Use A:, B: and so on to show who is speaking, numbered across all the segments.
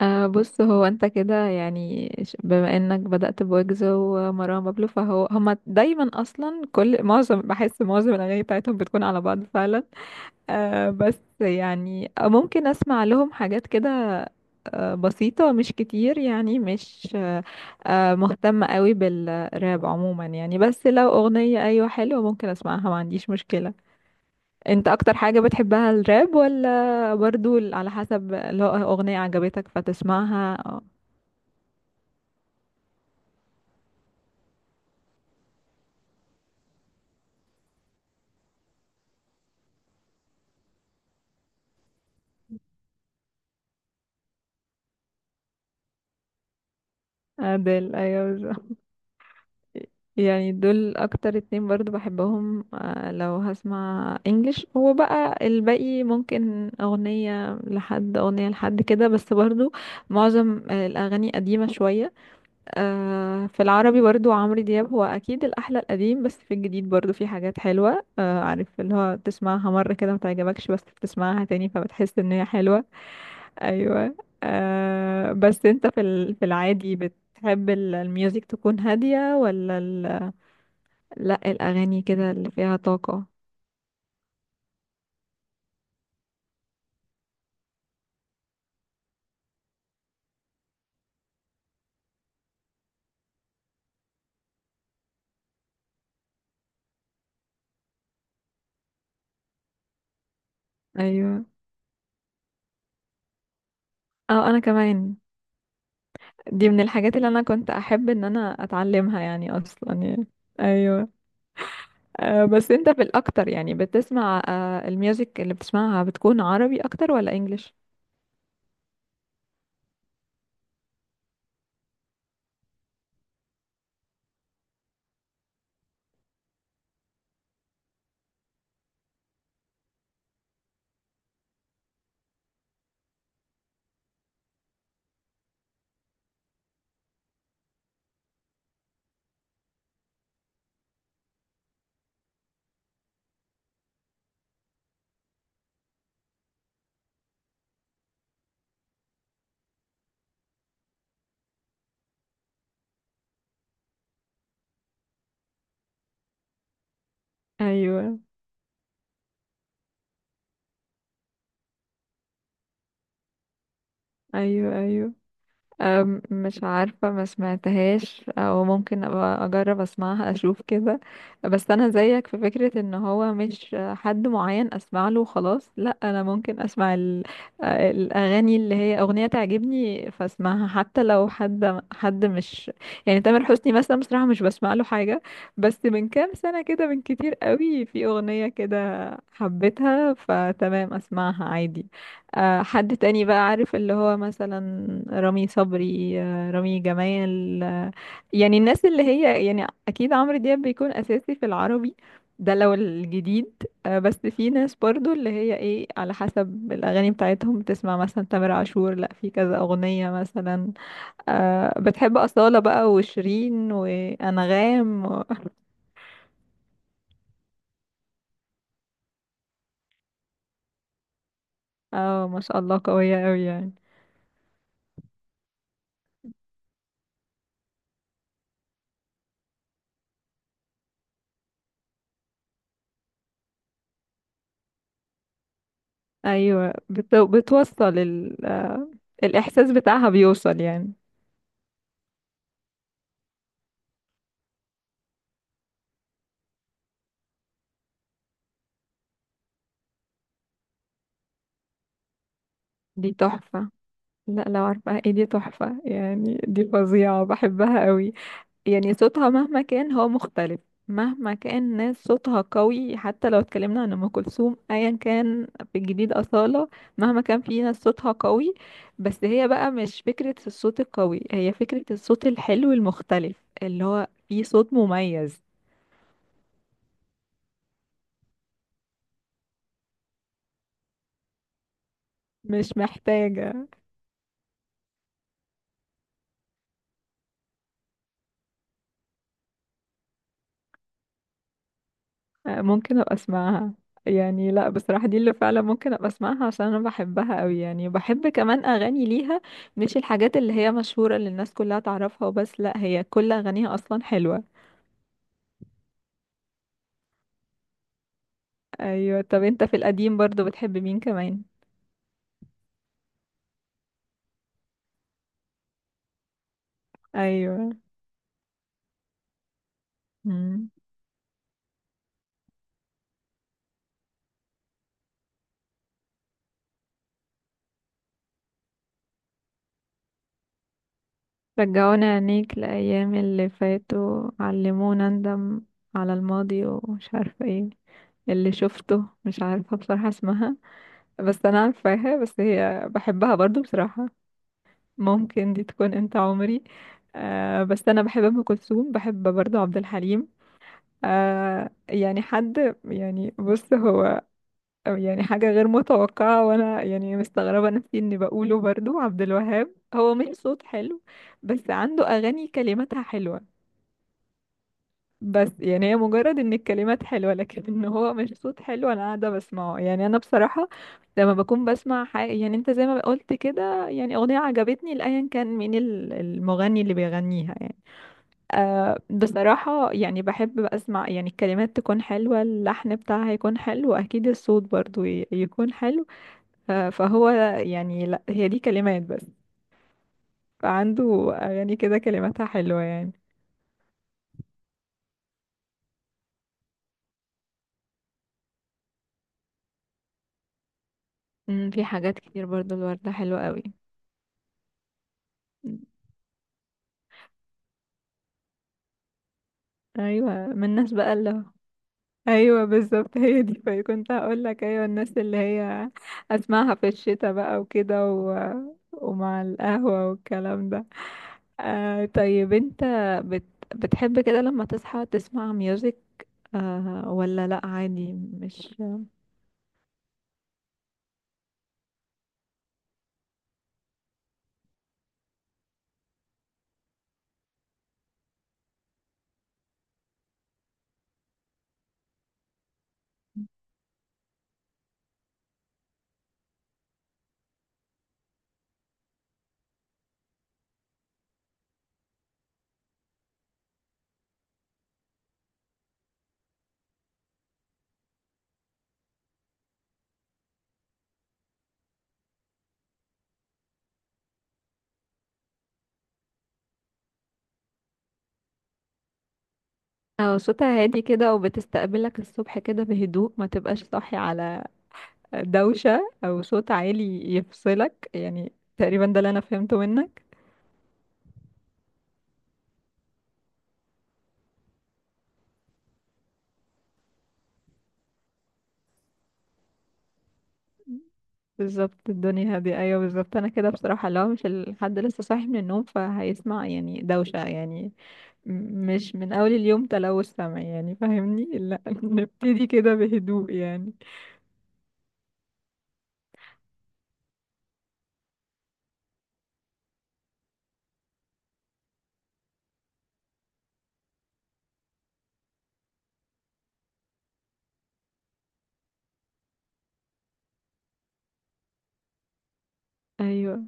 A: بص هو انت كده يعني بما انك بدأت بويجز ومروان بابلو فهو هما دايما اصلا كل معظم بحس معظم الاغاني بتاعتهم بتكون على بعض فعلا. بس يعني ممكن اسمع لهم حاجات كده بسيطة، مش كتير يعني مش مهتمة قوي بالراب عموما يعني، بس لو اغنية ايوه حلوة ممكن اسمعها، ما عنديش مشكلة. انت اكتر حاجة بتحبها الراب ولا برضو على حسب لو اغنية عجبتك فتسمعها؟ اه، ادل، ايوه بالظبط. يعني دول اكتر اتنين برضو بحبهم، آه، لو هسمع انجلش. هو بقى الباقي ممكن اغنية لحد اغنية لحد كده بس برضو معظم الاغاني قديمة شوية. آه، في العربي برضو عمرو دياب هو اكيد الاحلى القديم، بس في الجديد برضو في حاجات حلوه، آه، عارف اللي هو تسمعها مره كده ما تعجبكش بس بتسمعها تاني فبتحس ان هي حلوه. ايوه. بس انت في في العادي بتحب الميوزك تكون هاديه ولا ال، لا الاغاني كده اللي فيها طاقه؟ ايوه. اه انا كمان، دي من الحاجات اللي انا كنت احب ان انا اتعلمها يعني اصلا يعني. ايوه. آه، بس انت في الاكتر يعني بتسمع، آه، الميوزك اللي بتسمعها بتكون عربي اكتر ولا انجليش؟ ايوه. ايوه. ايوه. مش عارفة، ما سمعتهاش، او ممكن ابقى اجرب اسمعها اشوف كده. بس انا زيك في فكرة ان هو مش حد معين اسمع له وخلاص، لا انا ممكن اسمع الاغاني اللي هي اغنية تعجبني فاسمعها، حتى لو حد مش، يعني تامر حسني مثلا بصراحة مش بسمع له حاجة، بس من كام سنة كده من كتير قوي في اغنية كده حبيتها فتمام اسمعها عادي. آه، حد تاني بقى عارف اللي هو مثلا رامي صبري، آه، رامي جمال، آه، يعني الناس اللي هي، يعني اكيد عمرو دياب بيكون اساسي في العربي، ده لو الجديد. آه، بس في ناس برضو اللي هي ايه، على حسب الاغاني بتاعتهم، بتسمع مثلا تامر عاشور لا في كذا اغنية مثلا. آه، بتحب أصالة بقى وشيرين وانغام و، اه ما شاء الله قوية قوي يعني. ايوه. بتوصل ال، آه، الاحساس بتاعها بيوصل يعني. دي تحفة. لا لو عارفة ايه، دي تحفة يعني، دي فظيعة، بحبها قوي. يعني صوتها مهما كان هو مختلف، مهما كان ناس صوتها قوي، حتى لو اتكلمنا عن ام كلثوم ايا كان، في الجديد اصالة، مهما كان في ناس صوتها قوي، بس هي بقى مش فكرة الصوت القوي، هي فكرة الصوت الحلو المختلف اللي هو في صوت مميز. مش محتاجة. آه، ممكن ابقى اسمعها، يعني لا بصراحة دي اللي فعلا ممكن ابقى اسمعها عشان انا بحبها قوي، يعني بحب كمان اغاني ليها، مش الحاجات اللي هي مشهورة اللي الناس كلها تعرفها وبس، لا هي كل اغانيها اصلا حلوة. ايوه. طب انت في القديم برضو بتحب مين كمان؟ ايوه. مم. رجعونا عينيك لأيام اللي فاتوا علمونا ندم، على الماضي ومش عارفة ايه. اللي شفته مش عارفة بصراحة اسمها، بس انا عارفاها، بس هي بحبها برضو بصراحة. ممكن دي تكون انت عمري. آه بس انا بحب ام كلثوم، بحب برضه عبد الحليم. آه، يعني حد يعني بص هو، يعني حاجه غير متوقعه وانا يعني مستغربه نفسي اني بقوله، برضه عبد الوهاب، هو مش صوت حلو بس عنده اغاني كلماتها حلوه. بس يعني هي مجرد ان الكلمات حلوة، لكن ان هو مش صوت حلو انا قاعدة بسمعه يعني، انا بصراحة لما بكون بسمع حاجة يعني، انت زي ما قلت كده، يعني اغنية عجبتني لأيا كان مين المغني اللي بيغنيها يعني. أه بصراحة يعني بحب بقى اسمع، يعني الكلمات تكون حلوة، اللحن بتاعها يكون حلو، اكيد الصوت برضو يكون حلو. أه فهو، يعني لا هي دي كلمات بس، فعنده اغاني كده كلماتها حلوة يعني. في حاجات كتير برضو، الوردة حلوة قوي. ايوه، من الناس بقى اللي هو، ايوه بالظبط هي دي. فكنت هقول لك ايوه الناس اللي هي اسمعها في الشتاء بقى وكده و، ومع القهوة والكلام ده. آه، طيب انت بت... بتحب كده لما تصحى تسمع ميوزك؟ آه ولا لا عادي مش. اه صوتها هادي كده، وبتستقبلك الصبح كده بهدوء، ما تبقاش صاحي على دوشة او صوت عالي يفصلك يعني، تقريبا ده اللي انا فهمته منك. بالظبط، الدنيا هادية ايوه بالظبط، انا كده بصراحة لو مش الحد لسه صاحي من النوم فهيسمع يعني دوشة يعني، مش من اول اليوم تلوث سمع يعني، فاهمني؟ لا نبتدي كده بهدوء يعني. ايوه،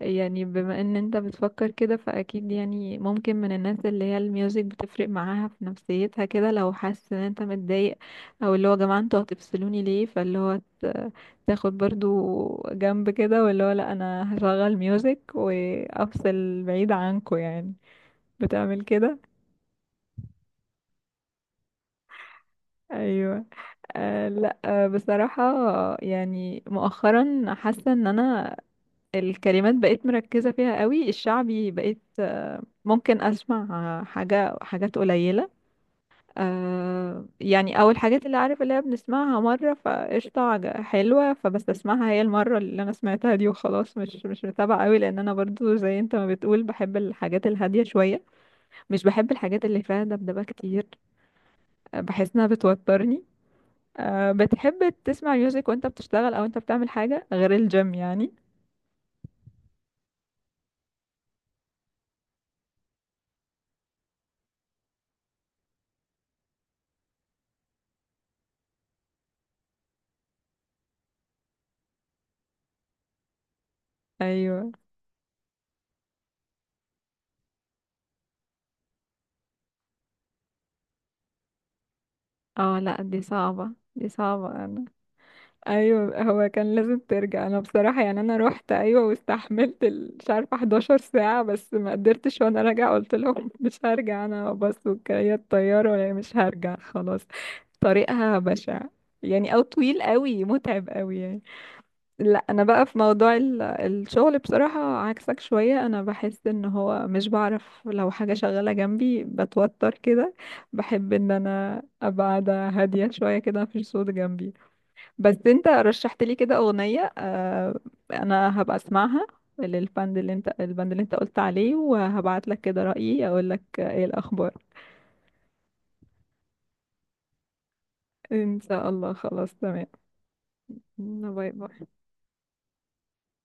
A: يعني بما ان انت بتفكر كده فاكيد يعني، ممكن من الناس اللي هي الميوزك بتفرق معاها في نفسيتها كده، لو حاسس ان انت متضايق او اللي هو يا جماعه انتوا هتفصلوني ليه، فاللي هو تاخد برضو جنب كده واللي هو لا انا هشغل ميوزك وافصل بعيد عنكم يعني. بتعمل كده؟ ايوه. لا بصراحه، يعني مؤخرا حاسه ان انا الكلمات بقيت مركزة فيها قوي، الشعبي بقيت، آه، ممكن أسمع، آه، حاجة، حاجات قليلة، آه، يعني، أو الحاجات اللي عارف اللي هي بنسمعها مرة فقشطة، حلوة، فبستسمعها هي المرة اللي أنا سمعتها دي وخلاص، مش متابعة قوي، لأن أنا برضو زي أنت ما بتقول بحب الحاجات الهادية شوية، مش بحب الحاجات اللي فيها دبدبة كتير، آه، بحس إنها بتوترني. آه، بتحب تسمع ميوزك وأنت بتشتغل أو أنت بتعمل حاجة غير الجيم يعني؟ أيوه. اه لا دي صعبة، انا. ايوه هو كان لازم ترجع، انا بصراحة يعني انا روحت ايوه واستحملت مش عارفة 11 ساعة، بس ما قدرتش وانا راجعة قلت لهم مش هرجع انا، بس وكريات الطيارة يعني مش هرجع خلاص. طريقها بشع يعني، او طويل قوي متعب قوي يعني. لا انا بقى في موضوع الشغل بصراحة عكسك شوية، انا بحس ان هو مش بعرف لو حاجة شغالة جنبي بتوتر كده، بحب ان انا ابقى قاعدة هادية شوية كده مفيش صوت جنبي. بس انت رشحت لي كده اغنية، آه، انا هبقى اسمعها للبند اللي انت، البند اللي انت قلت عليه، وهبعت لك كده رأيي اقول لك ايه الاخبار. ان شاء الله خلاص تمام. باي باي.